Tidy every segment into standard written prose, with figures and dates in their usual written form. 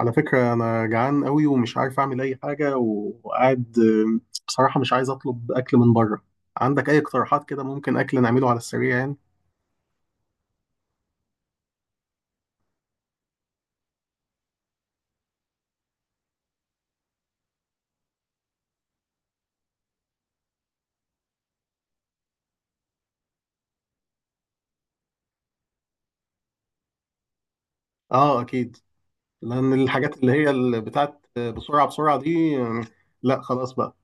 على فكرة أنا جعان قوي ومش عارف أعمل أي حاجة وقاعد بصراحة مش عايز أطلب أكل من بره. عندك أي اقتراحات كده ممكن أكل نعمله على السريع يعني؟ آه أكيد. لأن الحاجات اللي هي اللي بتاعت بسرعة بسرعة دي. لا خلاص بقى.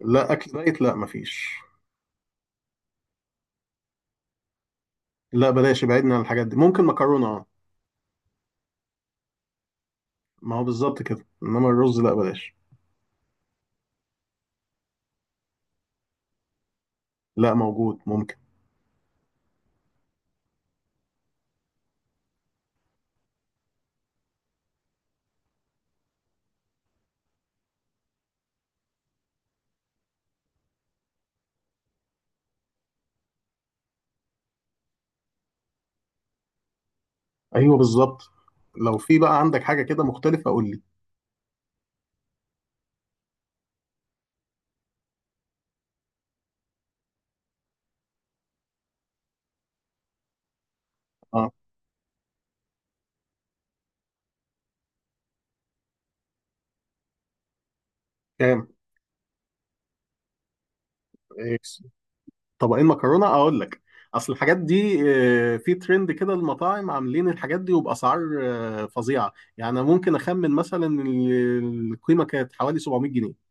لا اكل دايت، لا مفيش. لا بلاش، ابعدنا عن الحاجات دي. ممكن مكرونه، اه. ما هو بالظبط كده، انما الرز لا بلاش. لا، موجود ممكن. ايوه بالظبط، لو في بقى عندك حاجه كده مختلفه قول لي. اه كام. إيه، طبقين مكرونه اقول لك. اصل الحاجات دي في ترند كده، المطاعم عاملين الحاجات دي وباسعار فظيعه. يعني أنا ممكن اخمن مثلا القيمه كانت حوالي 700 جنيه.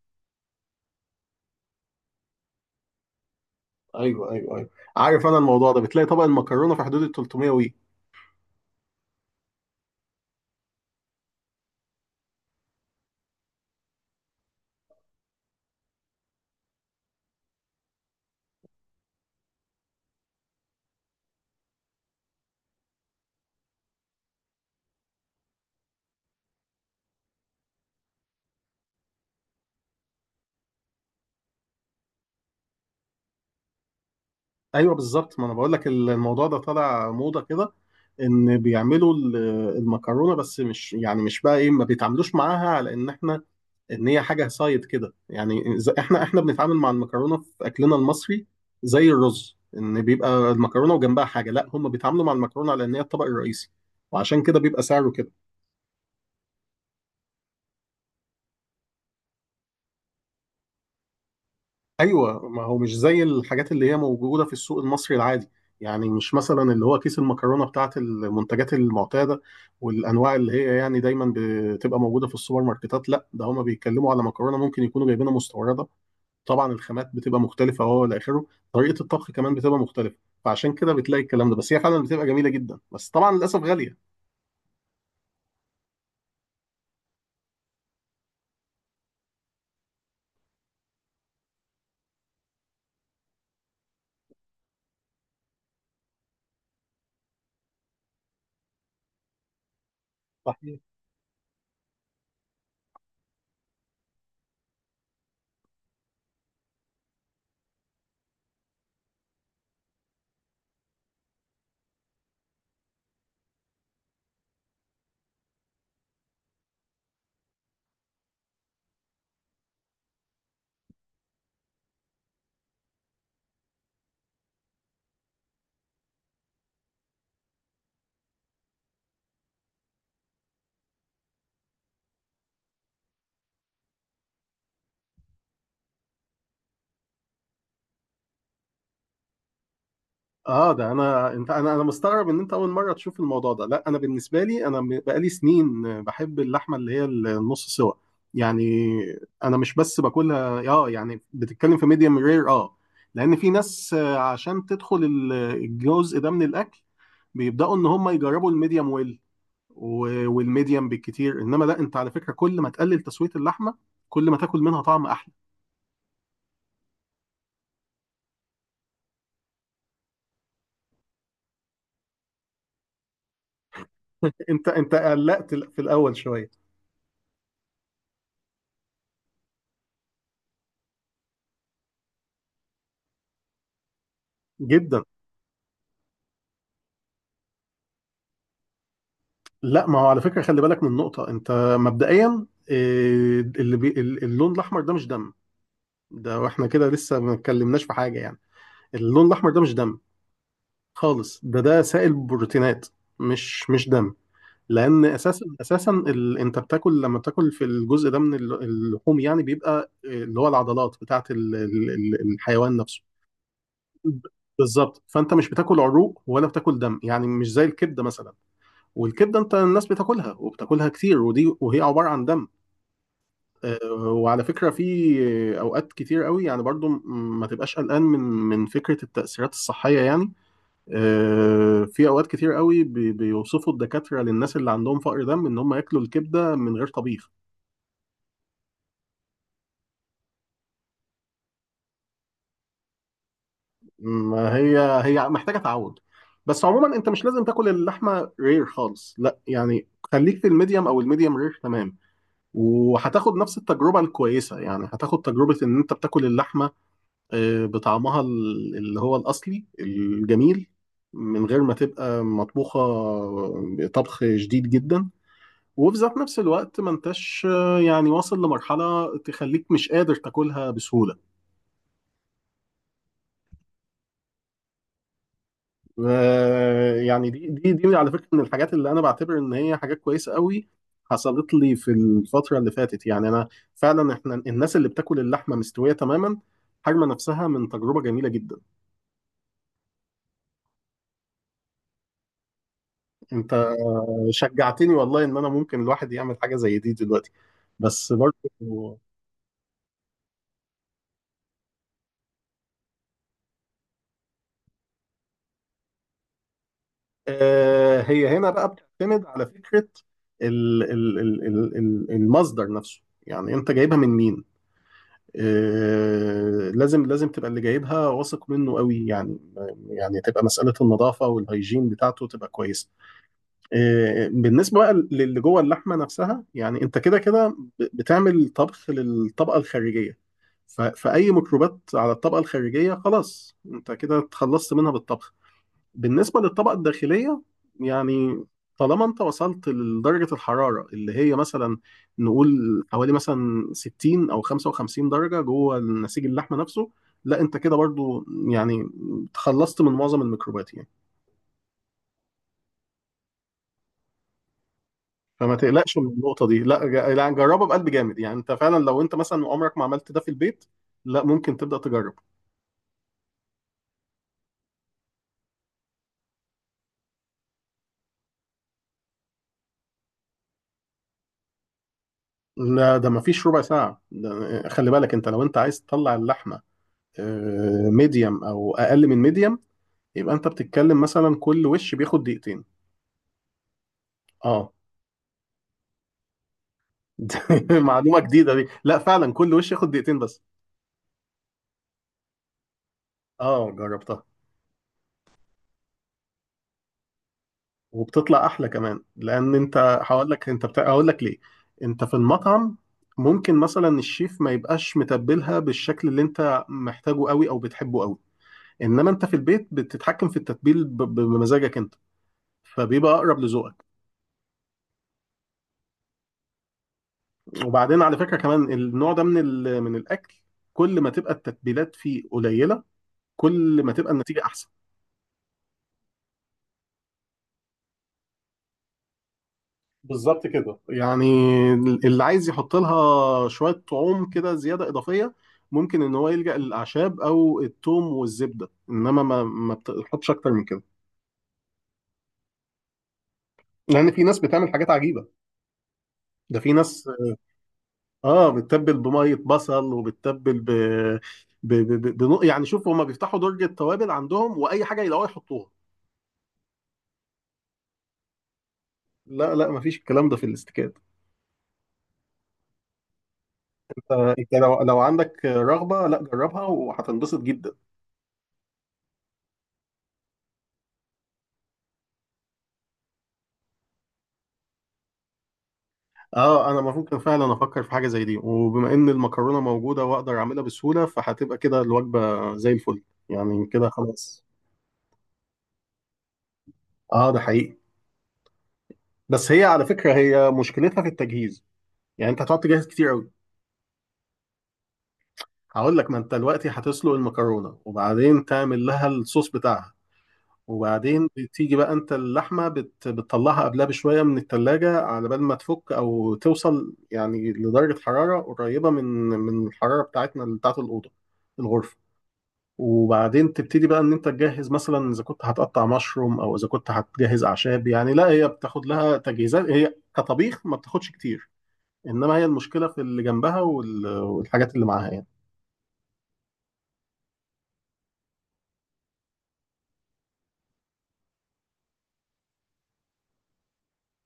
ايوه ايوه ايوه. عارف انا الموضوع ده، بتلاقي طبق المكرونه في حدود ال 300. ايوه بالظبط، ما انا بقول لك الموضوع ده طالع موضه كده. ان بيعملوا المكرونه، بس مش يعني مش بقى ايه ما بيتعاملوش معاها على ان احنا ان هي حاجه سايد كده يعني. احنا بنتعامل مع المكرونه في اكلنا المصري زي الرز، ان بيبقى المكرونه وجنبها حاجه. لا هم بيتعاملوا مع المكرونه على ان هي الطبق الرئيسي، وعشان كده بيبقى سعره كده. ايوه. ما هو مش زي الحاجات اللي هي موجوده في السوق المصري العادي. يعني مش مثلا اللي هو كيس المكرونه بتاعت المنتجات المعتاده والانواع اللي هي يعني دايما بتبقى موجوده في السوبر ماركتات. لا، ده هما بيتكلموا على مكرونه ممكن يكونوا جايبينها مستورده. طبعا الخامات بتبقى مختلفه وهو الى اخره. طريقه الطبخ كمان بتبقى مختلفه. فعشان كده بتلاقي الكلام ده. بس هي فعلا بتبقى جميله جدا، بس طبعا للاسف غاليه. صحيح. اه، ده انا انت انا مستغرب ان انت اول مره تشوف الموضوع ده. لا انا بالنسبه لي، انا بقالي سنين بحب اللحمه اللي هي النص سوا. يعني انا مش بس باكلها اه، يعني بتتكلم في ميديم رير اه. لان في ناس عشان تدخل الجزء ده من الاكل، بيبداوا ان هم يجربوا الميديم ويل والميديم بالكتير. انما لا، انت على فكره كل ما تقلل تسويه اللحمه، كل ما تاكل منها طعم احلى. انت قلقت في الاول شويه. جدا. لا ما هو على فكرة، خلي بالك من نقطة. انت مبدئيا اللي اللون الاحمر ده مش دم. ده، واحنا كده لسه ما اتكلمناش في حاجة يعني، اللون الاحمر ده مش دم خالص. ده سائل بروتينات، مش دم. لان اساسا انت بتاكل، لما بتاكل في الجزء ده من اللحوم يعني، بيبقى اللي هو العضلات بتاعت الحيوان نفسه. ب- بالظبط. فانت مش بتاكل عروق ولا بتاكل دم، يعني مش زي الكبده مثلا. والكبده انت الناس بتاكلها وبتاكلها كتير، ودي وهي عباره عن دم. وعلى فكرة في أوقات كتير قوي يعني برضو ما تبقاش قلقان من فكرة التأثيرات الصحية يعني. في أوقات كتير قوي بيوصفوا الدكاترة للناس اللي عندهم فقر دم إن هم ياكلوا الكبدة من غير طبيخ. ما هي، هي محتاجة تعود. بس عموما أنت مش لازم تاكل اللحمة رير خالص، لا يعني. خليك في الميديم أو الميديم رير تمام، وهتاخد نفس التجربة الكويسة. يعني هتاخد تجربة إن أنت بتاكل اللحمة بطعمها اللي هو الأصلي الجميل، من غير ما تبقى مطبوخة طبخ شديد جدا، وفي ذات نفس الوقت ما انتش يعني واصل لمرحلة تخليك مش قادر تاكلها بسهولة. يعني دي على فكرة من الحاجات اللي أنا بعتبر إن هي حاجات كويسة قوي حصلت لي في الفترة اللي فاتت. يعني أنا فعلا، إحنا الناس اللي بتاكل اللحمة مستوية تماما حارمة نفسها من تجربة جميلة جدا. انت شجعتني والله ان انا ممكن الواحد يعمل حاجه زي دي دلوقتي. بس برضه هي هنا بقى بتعتمد على فكره المصدر نفسه. يعني انت جايبها من مين؟ لازم لازم تبقى اللي جايبها واثق منه قوي يعني. يعني تبقى مساله النظافه والهيجين بتاعته تبقى كويسه. بالنسبة بقى للي جوه اللحمة نفسها، يعني انت كده كده بتعمل طبخ للطبقة الخارجية. فأي ميكروبات على الطبقة الخارجية خلاص انت كده اتخلصت منها بالطبخ. بالنسبة للطبقة الداخلية، يعني طالما انت وصلت لدرجة الحرارة اللي هي مثلا نقول حوالي مثلا 60 أو 55 درجة جوه نسيج اللحمة نفسه، لا انت كده برضو يعني تخلصت من معظم الميكروبات يعني. فما تقلقش من النقطة دي، لا جربها بقلب جامد. يعني انت فعلا لو انت مثلا عمرك ما عملت ده في البيت، لا ممكن تبدأ تجرب. لا ده ما فيش ربع ساعة. ده خلي بالك، انت لو انت عايز تطلع اللحمة ميديوم او اقل من ميديوم، يبقى انت بتتكلم مثلا كل وش بياخد دقيقتين. اه معلومة جديدة دي. لا فعلا كل وش ياخد دقيقتين بس. اه جربتها. وبتطلع احلى كمان. لان انت، هقول لك. انت بتاع هقول لك ليه. انت في المطعم ممكن مثلا الشيف ما يبقاش متبلها بالشكل اللي انت محتاجه قوي او بتحبه قوي. انما انت في البيت بتتحكم في التتبيل بمزاجك انت، فبيبقى اقرب لذوقك. وبعدين على فكرة كمان، النوع ده من الاكل، كل ما تبقى التتبيلات فيه قليلة، كل ما تبقى النتيجة احسن. بالظبط كده يعني. اللي عايز يحط لها شوية طعوم كده زيادة إضافية، ممكن إن هو يلجأ للأعشاب أو الثوم والزبدة، إنما ما بتحطش أكتر من كده. لأن في ناس بتعمل حاجات عجيبة. ده في ناس بتتبل بمية بصل، وبتتبل يعني شوف، هما بيفتحوا درج التوابل عندهم وأي حاجة يلاقوها يحطوها. لا لا، مفيش الكلام ده في الاستيكات. انت. أنت لو عندك رغبة، لا جربها وهتنبسط جدا. اه انا ممكن فعلا افكر في حاجه زي دي، وبما ان المكرونه موجوده واقدر اعملها بسهوله فهتبقى كده الوجبه زي الفل. يعني كده خلاص. اه ده حقيقي. بس هي على فكره هي مشكلتها في التجهيز. يعني انت هتقعد تجهز كتير قوي. هقول لك. ما انت دلوقتي هتسلق المكرونه وبعدين تعمل لها الصوص بتاعها، وبعدين تيجي بقى انت اللحمه بتطلعها قبلها بشويه من التلاجة على بال ما تفك او توصل، يعني لدرجه حراره قريبه من الحراره بتاعتنا بتاعت الاوضه الغرفه. وبعدين تبتدي بقى ان انت تجهز، مثلا اذا كنت هتقطع مشروم او اذا كنت هتجهز اعشاب، يعني لا هي بتاخد لها تجهيزات. هي كطبيخ ما بتاخدش كتير، انما هي المشكله في اللي جنبها والحاجات اللي معاها يعني.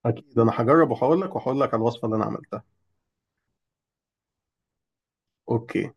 اكيد انا هجرب، وهقول لك على الوصفه اللي انا عملتها. اوكي.